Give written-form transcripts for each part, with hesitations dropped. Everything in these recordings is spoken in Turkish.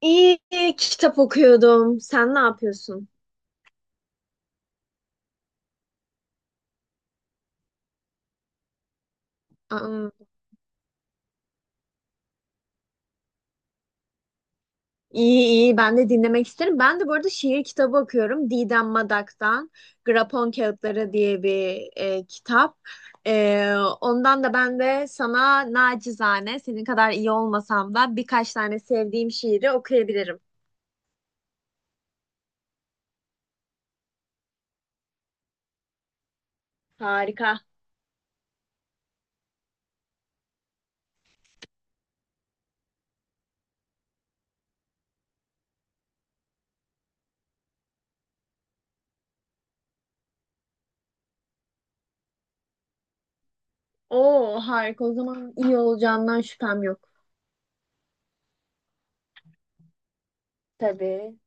İyi, kitap okuyordum. Sen ne yapıyorsun? Aa, iyi, ben de dinlemek isterim. Ben de bu arada şiir kitabı okuyorum. Didem Madak'tan Grapon Kağıtları diye bir kitap. E, Ondan da ben de sana nacizane senin kadar iyi olmasam da birkaç tane sevdiğim şiiri okuyabilirim. Harika. Oo, harika. O zaman iyi olacağından şüphem yok. Tabii.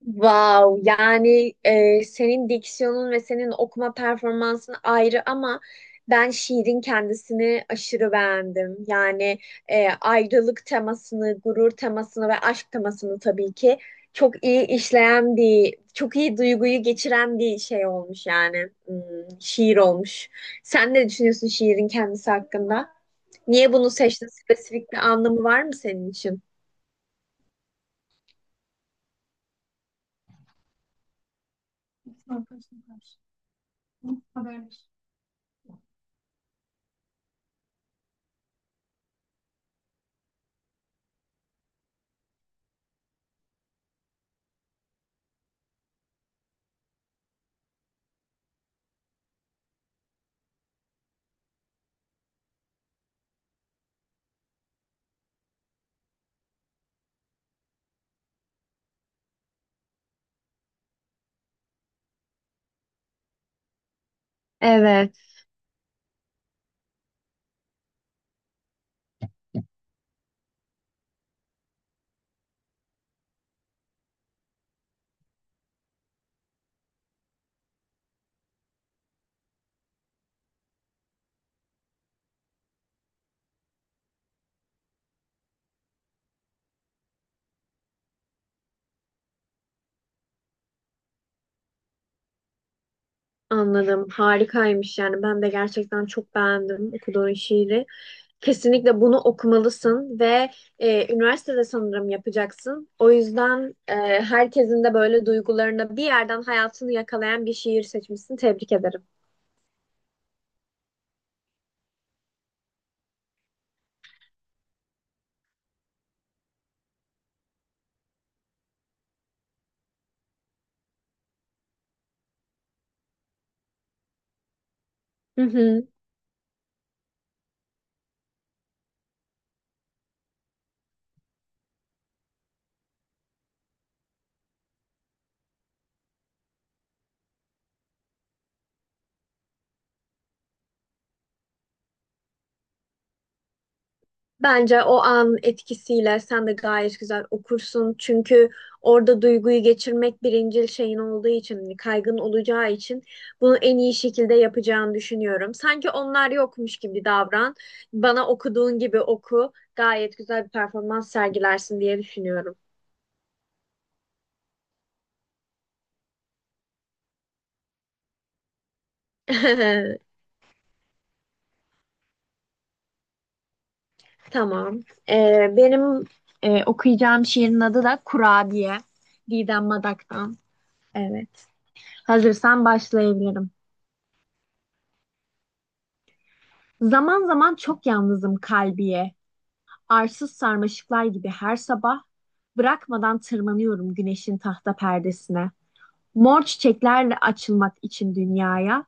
Wow, yani senin diksiyonun ve senin okuma performansın ayrı ama ben şiirin kendisini aşırı beğendim. Yani ayrılık temasını, gurur temasını ve aşk temasını tabii ki çok iyi işleyen çok iyi duyguyu geçiren bir şey olmuş yani. Hmm, şiir olmuş. Sen ne düşünüyorsun şiirin kendisi hakkında? Niye bunu seçtin? Spesifik bir anlamı var mı senin için? Evet. Anladım. Harikaymış yani. Ben de gerçekten çok beğendim okuduğun şiiri. Kesinlikle bunu okumalısın ve üniversitede sanırım yapacaksın. O yüzden herkesin de böyle duygularını bir yerden hayatını yakalayan bir şiir seçmişsin. Tebrik ederim. Hı hı. Bence o an etkisiyle sen de gayet güzel okursun. Çünkü orada duyguyu geçirmek birincil şeyin olduğu için, hani kaygın olacağı için bunu en iyi şekilde yapacağını düşünüyorum. Sanki onlar yokmuş gibi davran. Bana okuduğun gibi oku. Gayet güzel bir performans sergilersin diye düşünüyorum. Tamam. Benim okuyacağım şiirin adı da Kurabiye. Didem Madak'tan. Evet. Hazırsan başlayabilirim. Zaman zaman çok yalnızım kalbiye. Arsız sarmaşıklar gibi her sabah bırakmadan tırmanıyorum güneşin tahta perdesine. Mor çiçeklerle açılmak için dünyaya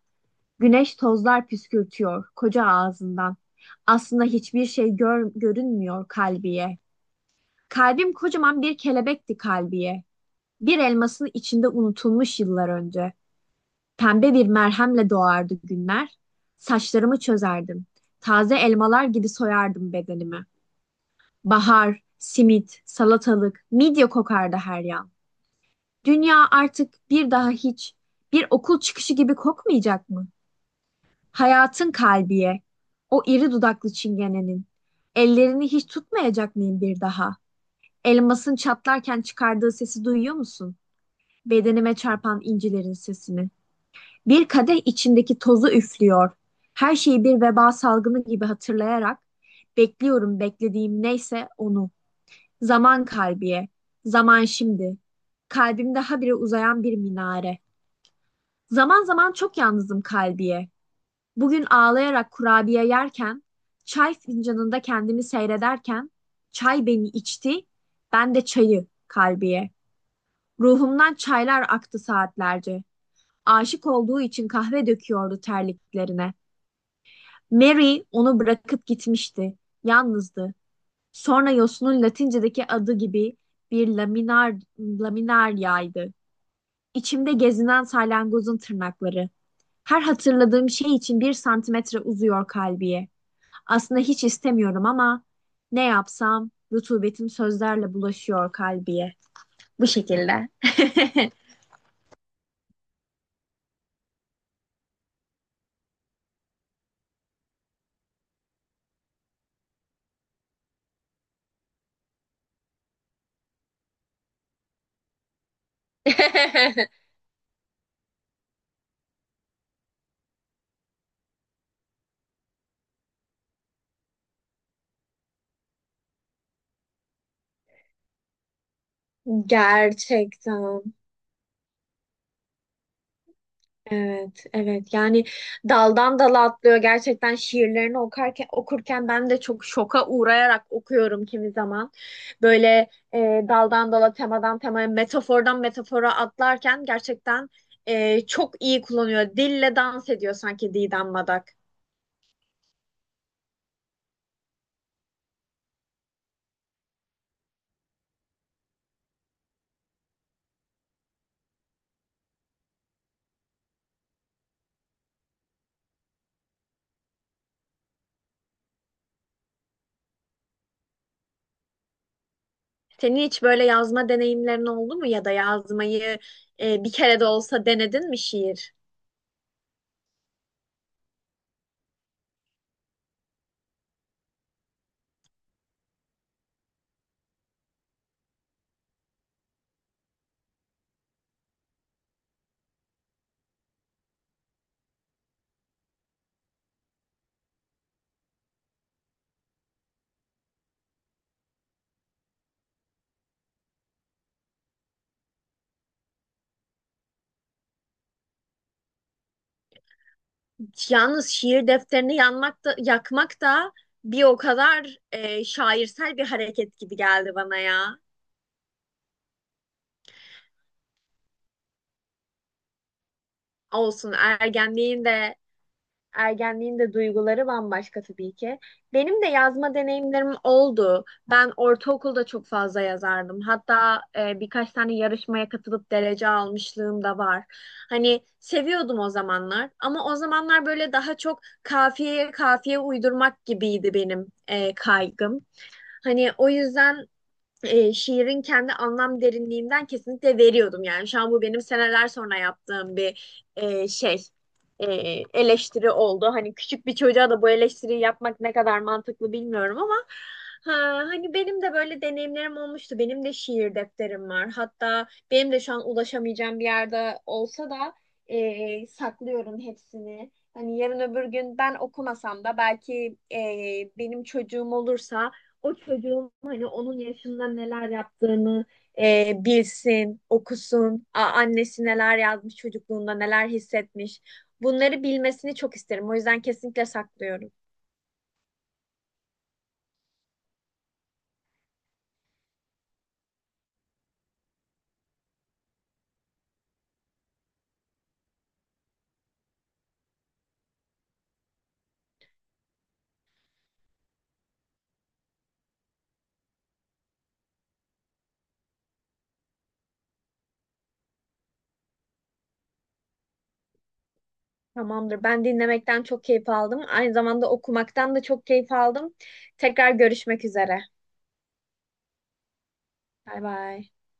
güneş tozlar püskürtüyor koca ağzından. Aslında hiçbir şey görünmüyor kalbiye. Kalbim kocaman bir kelebekti kalbiye. Bir elmasın içinde unutulmuş yıllar önce. Pembe bir merhemle doğardı günler. Saçlarımı çözerdim. Taze elmalar gibi soyardım bedenimi. Bahar, simit, salatalık, midye kokardı her yan. Dünya artık bir daha hiç bir okul çıkışı gibi kokmayacak mı? Hayatın kalbiye, o iri dudaklı çingenenin. Ellerini hiç tutmayacak mıyım bir daha? Elmasın çatlarken çıkardığı sesi duyuyor musun? Bedenime çarpan incilerin sesini. Bir kadeh içindeki tozu üflüyor. Her şeyi bir veba salgını gibi hatırlayarak bekliyorum beklediğim neyse onu. Zaman kalbiye, zaman şimdi. Kalbimde habire uzayan bir minare. Zaman zaman çok yalnızım kalbiye. Bugün ağlayarak kurabiye yerken, çay fincanında kendimi seyrederken, çay beni içti, ben de çayı kalbiye. Ruhumdan çaylar aktı saatlerce. Aşık olduğu için kahve döküyordu terliklerine. Mary onu bırakıp gitmişti. Yalnızdı. Sonra yosunun Latincedeki adı gibi bir laminaryaydı. İçimde gezinen salyangozun tırnakları. Her hatırladığım şey için bir santimetre uzuyor kalbiye. Aslında hiç istemiyorum ama ne yapsam rutubetim sözlerle bulaşıyor kalbiye. Bu şekilde. Gerçekten. Evet, evet. Yani daldan dala atlıyor. Gerçekten şiirlerini okurken ben de çok şoka uğrayarak okuyorum kimi zaman. Böyle daldan dala, temadan temaya, metafordan metafora atlarken gerçekten çok iyi kullanıyor. Dille dans ediyor sanki Didem Madak. Senin hiç böyle yazma deneyimlerin oldu mu ya da yazmayı bir kere de olsa denedin mi şiir? Yalnız şiir defterini yanmak da, yakmak da bir o kadar şairsel bir hareket gibi geldi bana ya. Olsun, ergenliğin de ergenliğin de duyguları bambaşka tabii ki. Benim de yazma deneyimlerim oldu. Ben ortaokulda çok fazla yazardım. Hatta birkaç tane yarışmaya katılıp derece almışlığım da var. Hani seviyordum o zamanlar ama o zamanlar böyle daha çok kafiyeye kafiye uydurmak gibiydi benim kaygım. Hani o yüzden şiirin kendi anlam derinliğinden kesinlikle veriyordum. Yani şu an bu benim seneler sonra yaptığım bir e, eleştiri oldu. Hani küçük bir çocuğa da bu eleştiriyi yapmak ne kadar mantıklı bilmiyorum ama ha, hani benim de böyle deneyimlerim olmuştu. Benim de şiir defterim var. Hatta benim de şu an ulaşamayacağım bir yerde olsa da saklıyorum hepsini. Hani yarın öbür gün ben okumasam da belki benim çocuğum olursa o çocuğun hani onun yaşında neler yaptığını bilsin, okusun, annesi neler yazmış çocukluğunda, neler hissetmiş. Bunları bilmesini çok isterim. O yüzden kesinlikle saklıyorum. Tamamdır. Ben dinlemekten çok keyif aldım. Aynı zamanda okumaktan da çok keyif aldım. Tekrar görüşmek üzere. Bay bay.